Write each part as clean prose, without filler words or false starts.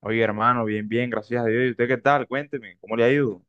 Oye, hermano, bien, bien, gracias a Dios. ¿Y usted qué tal? Cuénteme, ¿cómo le ha ido?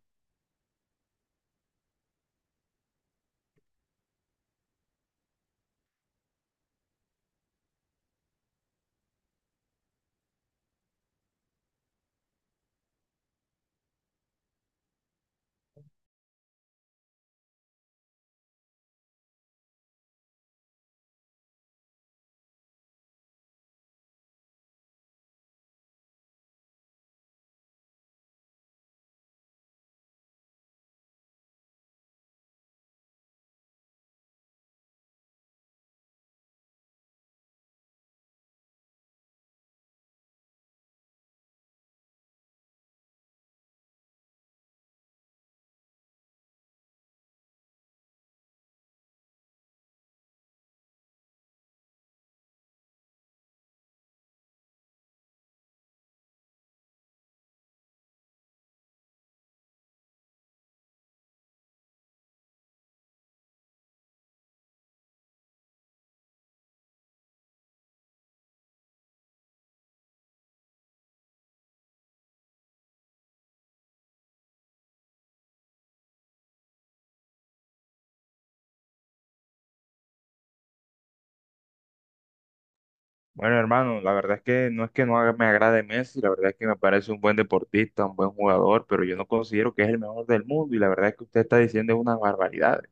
Bueno, hermano, la verdad es que no haga- me agrade Messi. La verdad es que me parece un buen deportista, un buen jugador, pero yo no considero que es el mejor del mundo y la verdad es que usted está diciendo unas barbaridades.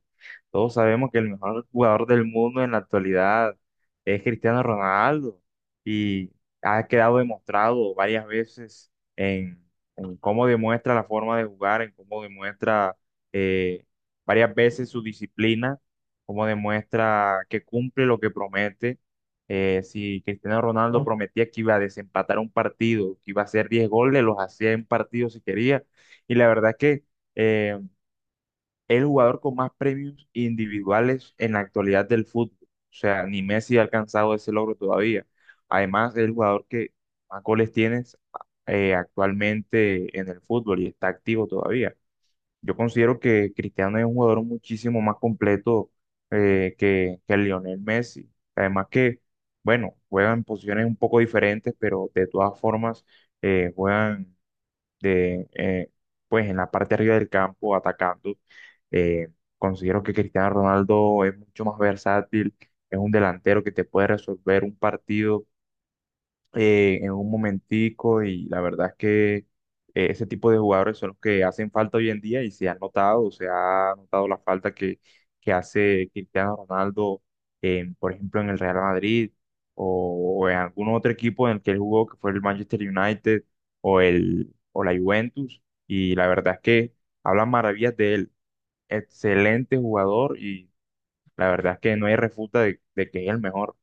Todos sabemos que el mejor jugador del mundo en la actualidad es Cristiano Ronaldo y ha quedado demostrado varias veces en, en cómo demuestra la forma de jugar, en cómo demuestra eh, varias veces su disciplina, cómo demuestra que cumple lo que promete. Si Cristiano Ronaldo prometía que iba a desempatar un partido, que iba a hacer 10 goles, los hacía en partido si quería. Y la verdad es que... eh, el jugador con más premios individuales en la actualidad del fútbol. O sea, ni Messi ha alcanzado ese logro todavía. Además, es el jugador que más goles tienes actualmente en el fútbol y está activo todavía. Yo considero que Cristiano es un jugador muchísimo más completo que Lionel Messi. Además que, bueno, juegan en posiciones un poco diferentes, pero de todas formas juegan de, eh, pues en la parte de arriba del campo atacando. Eh, Considero que Cristiano Ronaldo es mucho más versátil, es un delantero que te puede resolver un partido en un momentico, y la verdad es que ese tipo de jugadores son los que hacen falta hoy en día. Y se ha notado la falta que hace Cristiano Ronaldo, en, por ejemplo, en el Real Madrid o en algún otro equipo en el que él jugó, que fue el Manchester United o, el, o la Juventus. Y la verdad es que hablan maravillas de él, excelente jugador, y la verdad es que no hay refuta de que es el mejor.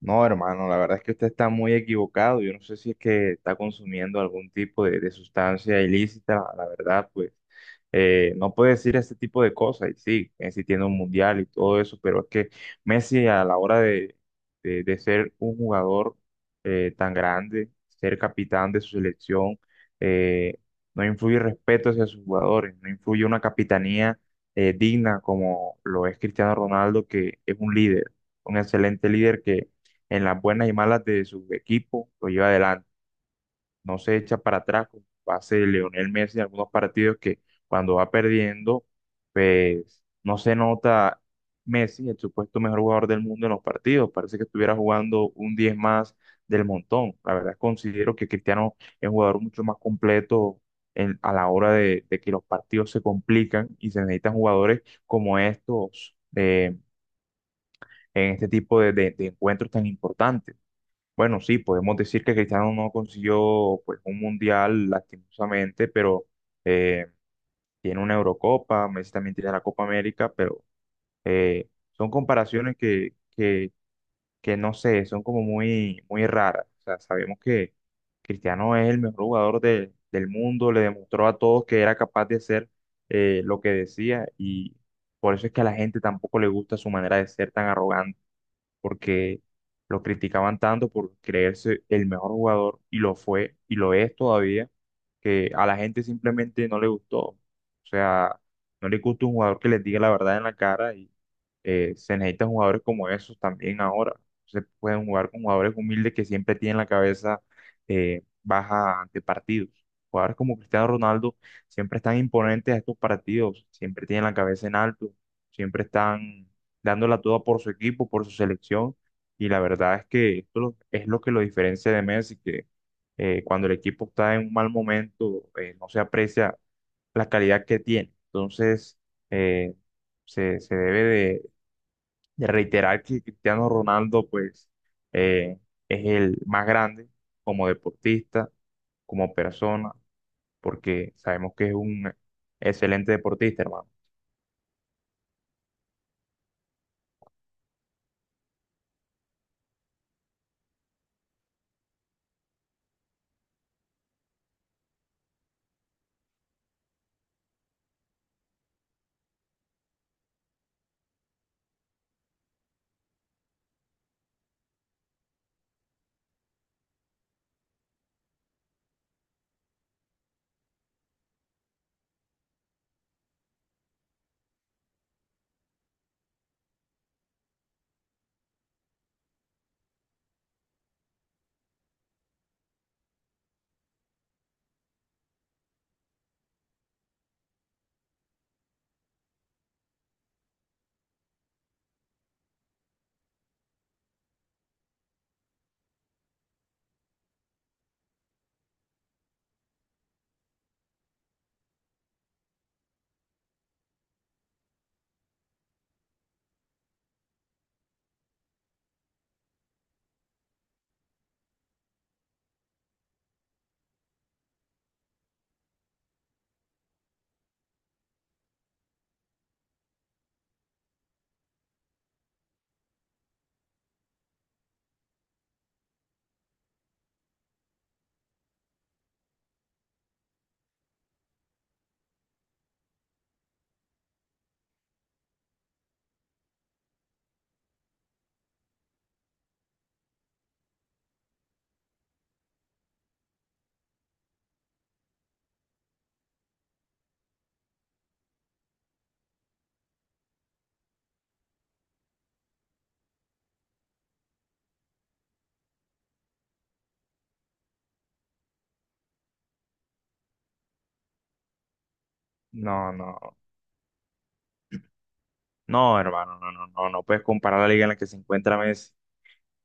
No, hermano, la verdad es que usted está muy equivocado. Yo no sé si es que está consumiendo algún tipo de sustancia ilícita. La verdad, pues no puede decir ese tipo de cosas. Y sí, Messi tiene un mundial y todo eso, pero es que Messi a la hora de ser un jugador tan grande, ser capitán de su selección, eh, no influye respeto hacia sus jugadores, no influye una capitanía digna como lo es Cristiano Ronaldo, que es un líder, un excelente líder que en las buenas y malas de su equipo, lo lleva adelante. No se echa para atrás, como hace Leonel Messi en algunos partidos que cuando va perdiendo, pues no se nota Messi, el supuesto mejor jugador del mundo en los partidos. Parece que estuviera jugando un 10 más del montón. La verdad considero que Cristiano es un jugador mucho más completo a la hora de que los partidos se complican y se necesitan jugadores como estos. En este tipo de encuentros tan importantes. Bueno, sí, podemos decir que Cristiano no consiguió pues un mundial lastimosamente, pero eh, tiene una Eurocopa. Messi también tiene la Copa América, pero son comparaciones que no sé, son como muy, muy raras. O sea, sabemos que Cristiano es el mejor jugador del mundo, le demostró a todos que era capaz de hacer lo que decía, y por eso es que a la gente tampoco le gusta su manera de ser tan arrogante, porque lo criticaban tanto por creerse el mejor jugador y lo fue y lo es todavía, que a la gente simplemente no le gustó. O sea, no le gusta un jugador que les diga la verdad en la cara, y se necesitan jugadores como esos también ahora. Se pueden jugar con jugadores humildes que siempre tienen la cabeza baja ante partidos. Jugadores como Cristiano Ronaldo siempre están imponentes a estos partidos, siempre tienen la cabeza en alto, siempre están dándola toda por su equipo, por su selección. Y la verdad es que esto es lo que lo diferencia de Messi, que cuando el equipo está en un mal momento, no se aprecia la calidad que tiene. Entonces, eh, se debe de reiterar que Cristiano Ronaldo, pues, eh, es el más grande como deportista, como persona, porque sabemos que es un excelente deportista, hermano. No, no. No, hermano, no, no, no, no puedes comparar la liga en la que se encuentra Messi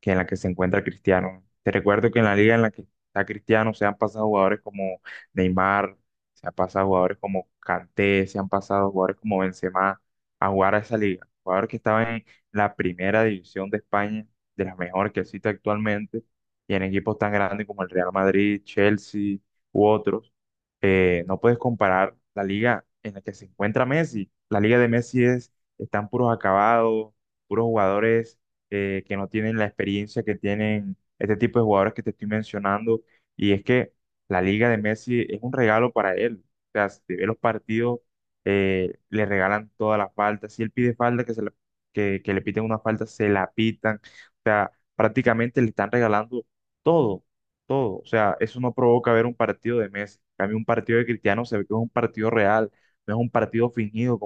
que en la que se encuentra Cristiano. Te recuerdo que en la liga en la que está Cristiano se han pasado jugadores como Neymar, se han pasado jugadores como Kanté, se han pasado jugadores como Benzema a jugar a esa liga. Jugadores que estaban en la primera división de España, de las mejores que existe actualmente, y en equipos tan grandes como el Real Madrid, Chelsea u otros. No puedes comparar la liga en la que se encuentra Messi. La liga de Messi es, están puros acabados, puros jugadores que no tienen la experiencia que tienen este tipo de jugadores que te estoy mencionando. Y es que la Liga de Messi es un regalo para él. O sea, si te ve los partidos, le regalan todas las faltas. Si él pide falta, que le piten una falta, se la pitan. O sea, prácticamente le están regalando todo, todo. O sea, eso no provoca ver un partido de Messi. A mí un partido de Cristiano se ve que es un partido real, no es un partido fingido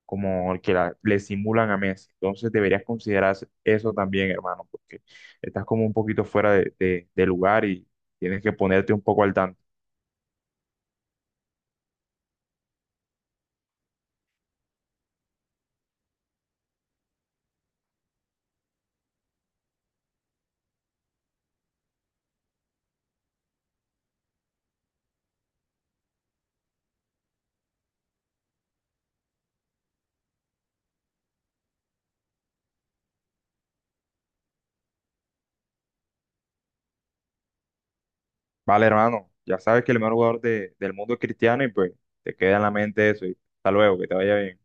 como el que le simulan a Messi. Entonces deberías considerar eso también, hermano, porque estás como un poquito fuera de lugar, y tienes que ponerte un poco al tanto. Vale, hermano, ya sabes que el mejor jugador del mundo es Cristiano, y pues te queda en la mente eso. Y hasta luego, que te vaya bien.